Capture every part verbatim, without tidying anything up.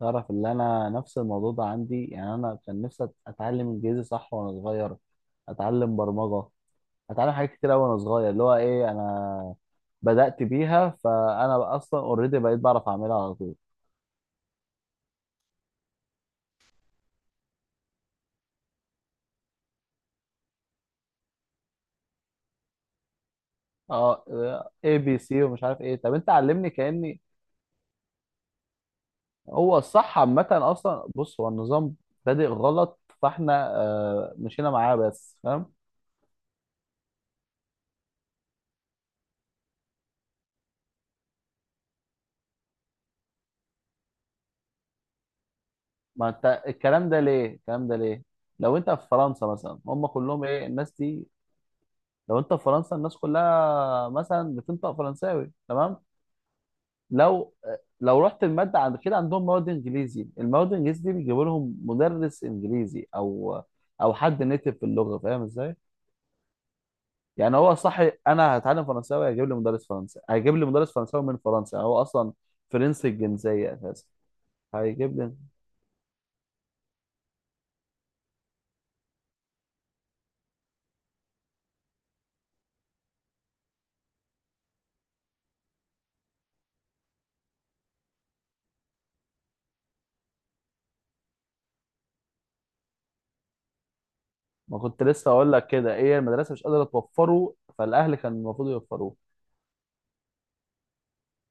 تعرف اللي انا نفس الموضوع ده عندي. يعني انا كان نفسي أت- اتعلم انجليزي صح وانا صغير، اتعلم برمجه، اتعلم حاجات كتير قوي وانا صغير. اللي هو ايه، انا بدات بيها، فانا بقى اصلا اوريدي بقيت بعرف اعملها على طول. اه، اي بي سي ومش عارف ايه، طب انت علمني كاني. هو الصح عامه، اصلا بص، هو النظام بادئ غلط، فاحنا آه مشينا معاه، بس فاهم. ما انت الكلام ده ليه، الكلام ده ليه؟ لو انت في فرنسا مثلا، هم كلهم ايه الناس دي؟ لو انت في فرنسا الناس كلها مثلا بتنطق فرنساوي، تمام؟ لو لو رحت الماده عند كده، عندهم مواد انجليزي، المواد الانجليزي دي بيجيبوا لهم مدرس انجليزي او او حد نيتف في اللغه، فاهم ازاي؟ يعني هو صح. انا هتعلم فرنساوي هيجيب لي مدرس فرنسي، هيجيب لي مدرس فرنساوي من فرنسا، يعني هو اصلا فرنسي الجنسيه اساسا. هيجيب لي ما كنت لسه اقول لك كده، ايه، المدرسه مش قادره توفره، فالاهل كان المفروض يوفروه.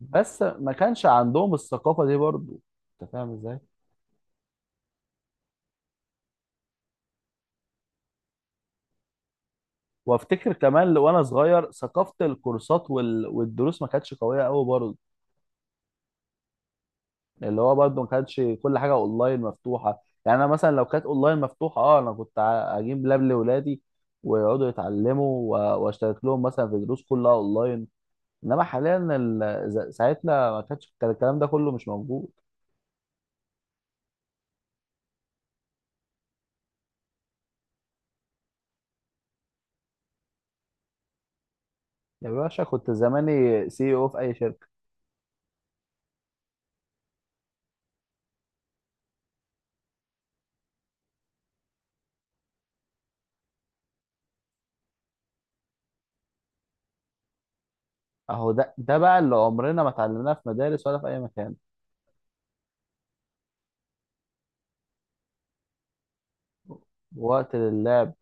بس ما كانش عندهم الثقافه دي برضو، انت فاهم ازاي. وافتكر كمان وانا صغير ثقافه الكورسات وال... والدروس ما كانتش قويه قوي برضه. اللي هو برضه ما كانتش كل حاجه اونلاين مفتوحه. يعني انا مثلا لو كانت اونلاين مفتوحه، اه، انا كنت ع- اجيب لاب لاولادي ويقعدوا يتعلموا، و... واشترك لهم مثلا في دروس كلها اونلاين. انما حاليا ال... ز- ساعتنا ما كانش كان الكلام ده كله مش موجود. يا باشا كنت زماني سي او في اي شركه. اهو ده ده بقى اللي عمرنا ما اتعلمناه في مدارس ولا في اي مكان. وقت لله.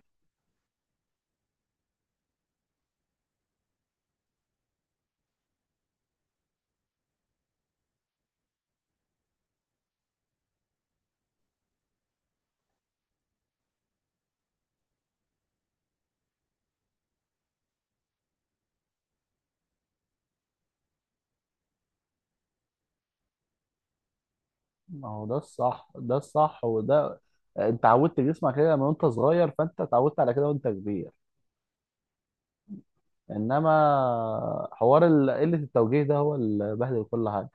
ما هو ده الصح، ده الصح. وده انت عودت جسمك كده من وانت صغير، فانت اتعودت على كده وانت كبير. انما حوار ال- قلة التوجيه ده هو اللي بهدل كل حاجة.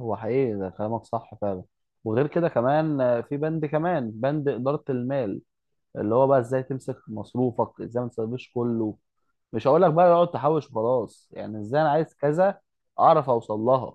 هو حقيقي ده، كلامك صح فعلا. وغير كده كمان، آه، في بند كمان، بند إدارة المال، اللي هو بقى ازاي تمسك مصروفك، ازاي ما تسيبش كله. مش هقول لك بقى اقعد تحوش وخلاص، يعني ازاي انا عايز كذا اعرف اوصل لها.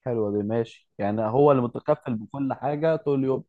حلوه دي، ماشي، يعني هو اللي متكفل بكل حاجه طول اليوم.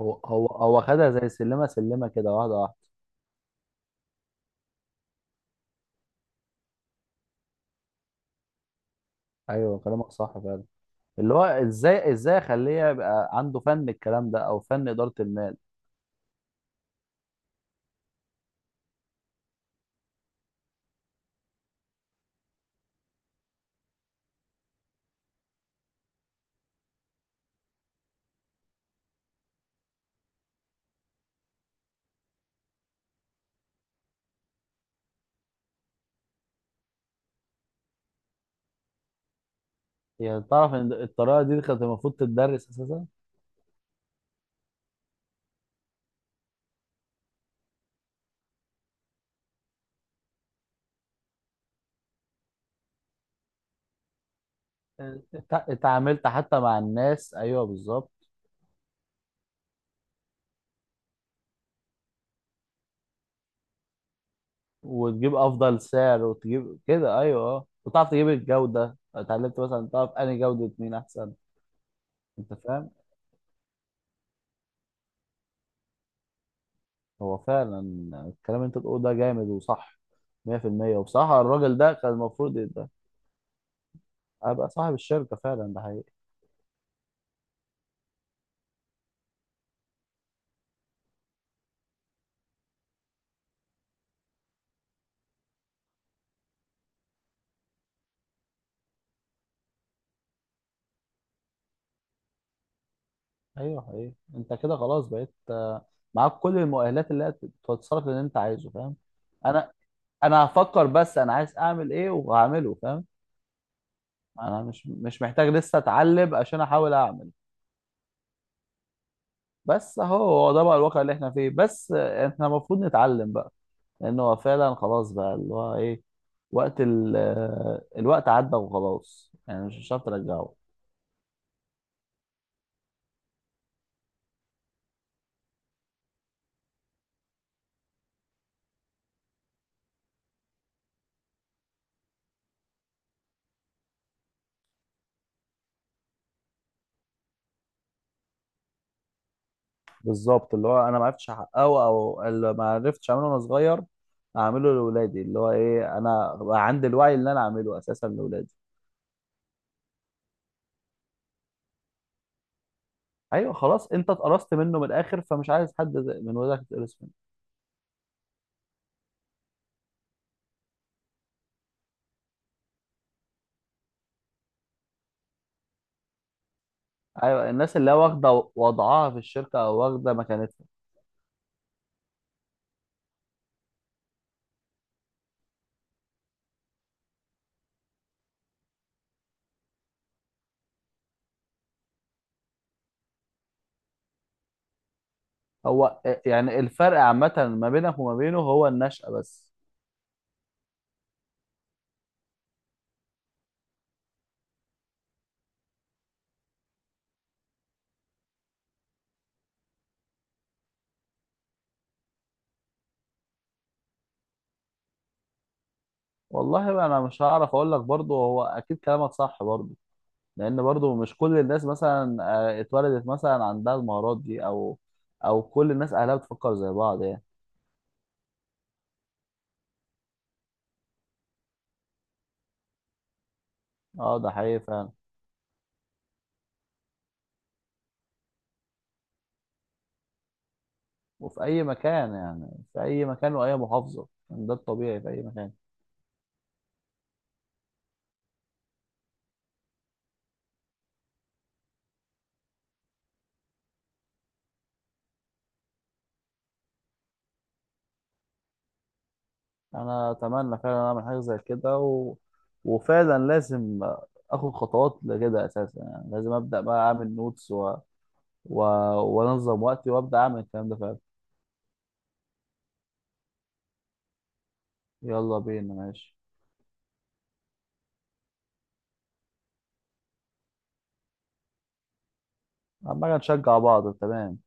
هو هو هو خدها زي سلمه سلمه كده، واحده واحده. ايوه، كلامك صح فعلا. اللي هو ازاي ازاي اخليه يبقى عنده فن الكلام ده او فن اداره المال. يعني تعرف ان الطريقه دي كانت المفروض تدرس اساسا. اتع- اتعاملت حتى مع الناس، ايوه بالظبط. وتجيب افضل سعر وتجيب كده، ايوه اه، وتعرف تجيب الجوده، اتعلمت مثلا تعرف انهي جوده مين احسن. انت فاهم. هو فعلا الكلام اللي انت بتقوله ده جامد وصح مية بالمية. وبصراحه الراجل ده كان المفروض ابقى صاحب الشركه، فعلا ده حقيقي. ايوه حقيقي، انت كده خلاص بقيت، آه، معاك كل المؤهلات اللي هي تتصرف اللي انت عايزه، فاهم. انا انا هفكر بس انا عايز اعمل ايه، وهعمله، فاهم. انا مش مش محتاج لسه اتعلم عشان احاول اعمل. بس اهو، هو ده بقى الواقع اللي احنا فيه. بس آه، احنا المفروض نتعلم بقى، لان هو فعلا خلاص، بقى اللي هو ايه، وقت ال... آه، الوقت عدى وخلاص، يعني مش مش هتعرف ترجعه. بالظبط. اللي هو انا ما عرفتش احققه، او اللي ما عرفتش اعمله وانا صغير، اعمله لاولادي. اللي هو ايه، انا بقى عندي الوعي اللي انا اعمله اساسا لاولادي. ايوه خلاص، انت اتقرصت منه من الاخر، فمش عايز حد زي- من ولادك يتقرص منه. ايوه، الناس اللي هي واخده وضعها في الشركه او واخده مكانتها. هو يعني الفرق عامه ما بينك وما بينه هو النشأة بس. والله انا مش هعرف اقول لك برضه، هو اكيد كلامك صح برضه. لان برضو مش كل الناس مثلا، آه، اتولدت مثلا عندها المهارات دي، او او كل الناس اهلها بتفكر زي بعض يعني. اه، ده حقيقي فعلا. وفي اي مكان يعني، في اي مكان واي محافظه يعني، ده الطبيعي في اي مكان. انا اتمنى فعلا اعمل حاجه زي كده، و... وفعلا لازم اخد خطوات لكده اساسا. يعني لازم ابدا بقى اعمل نوتس، و... و... وانظم وقتي، وابدا اعمل الكلام ده فعلا. يلا بينا، ماشي. عمال نشجع بعض، تمام.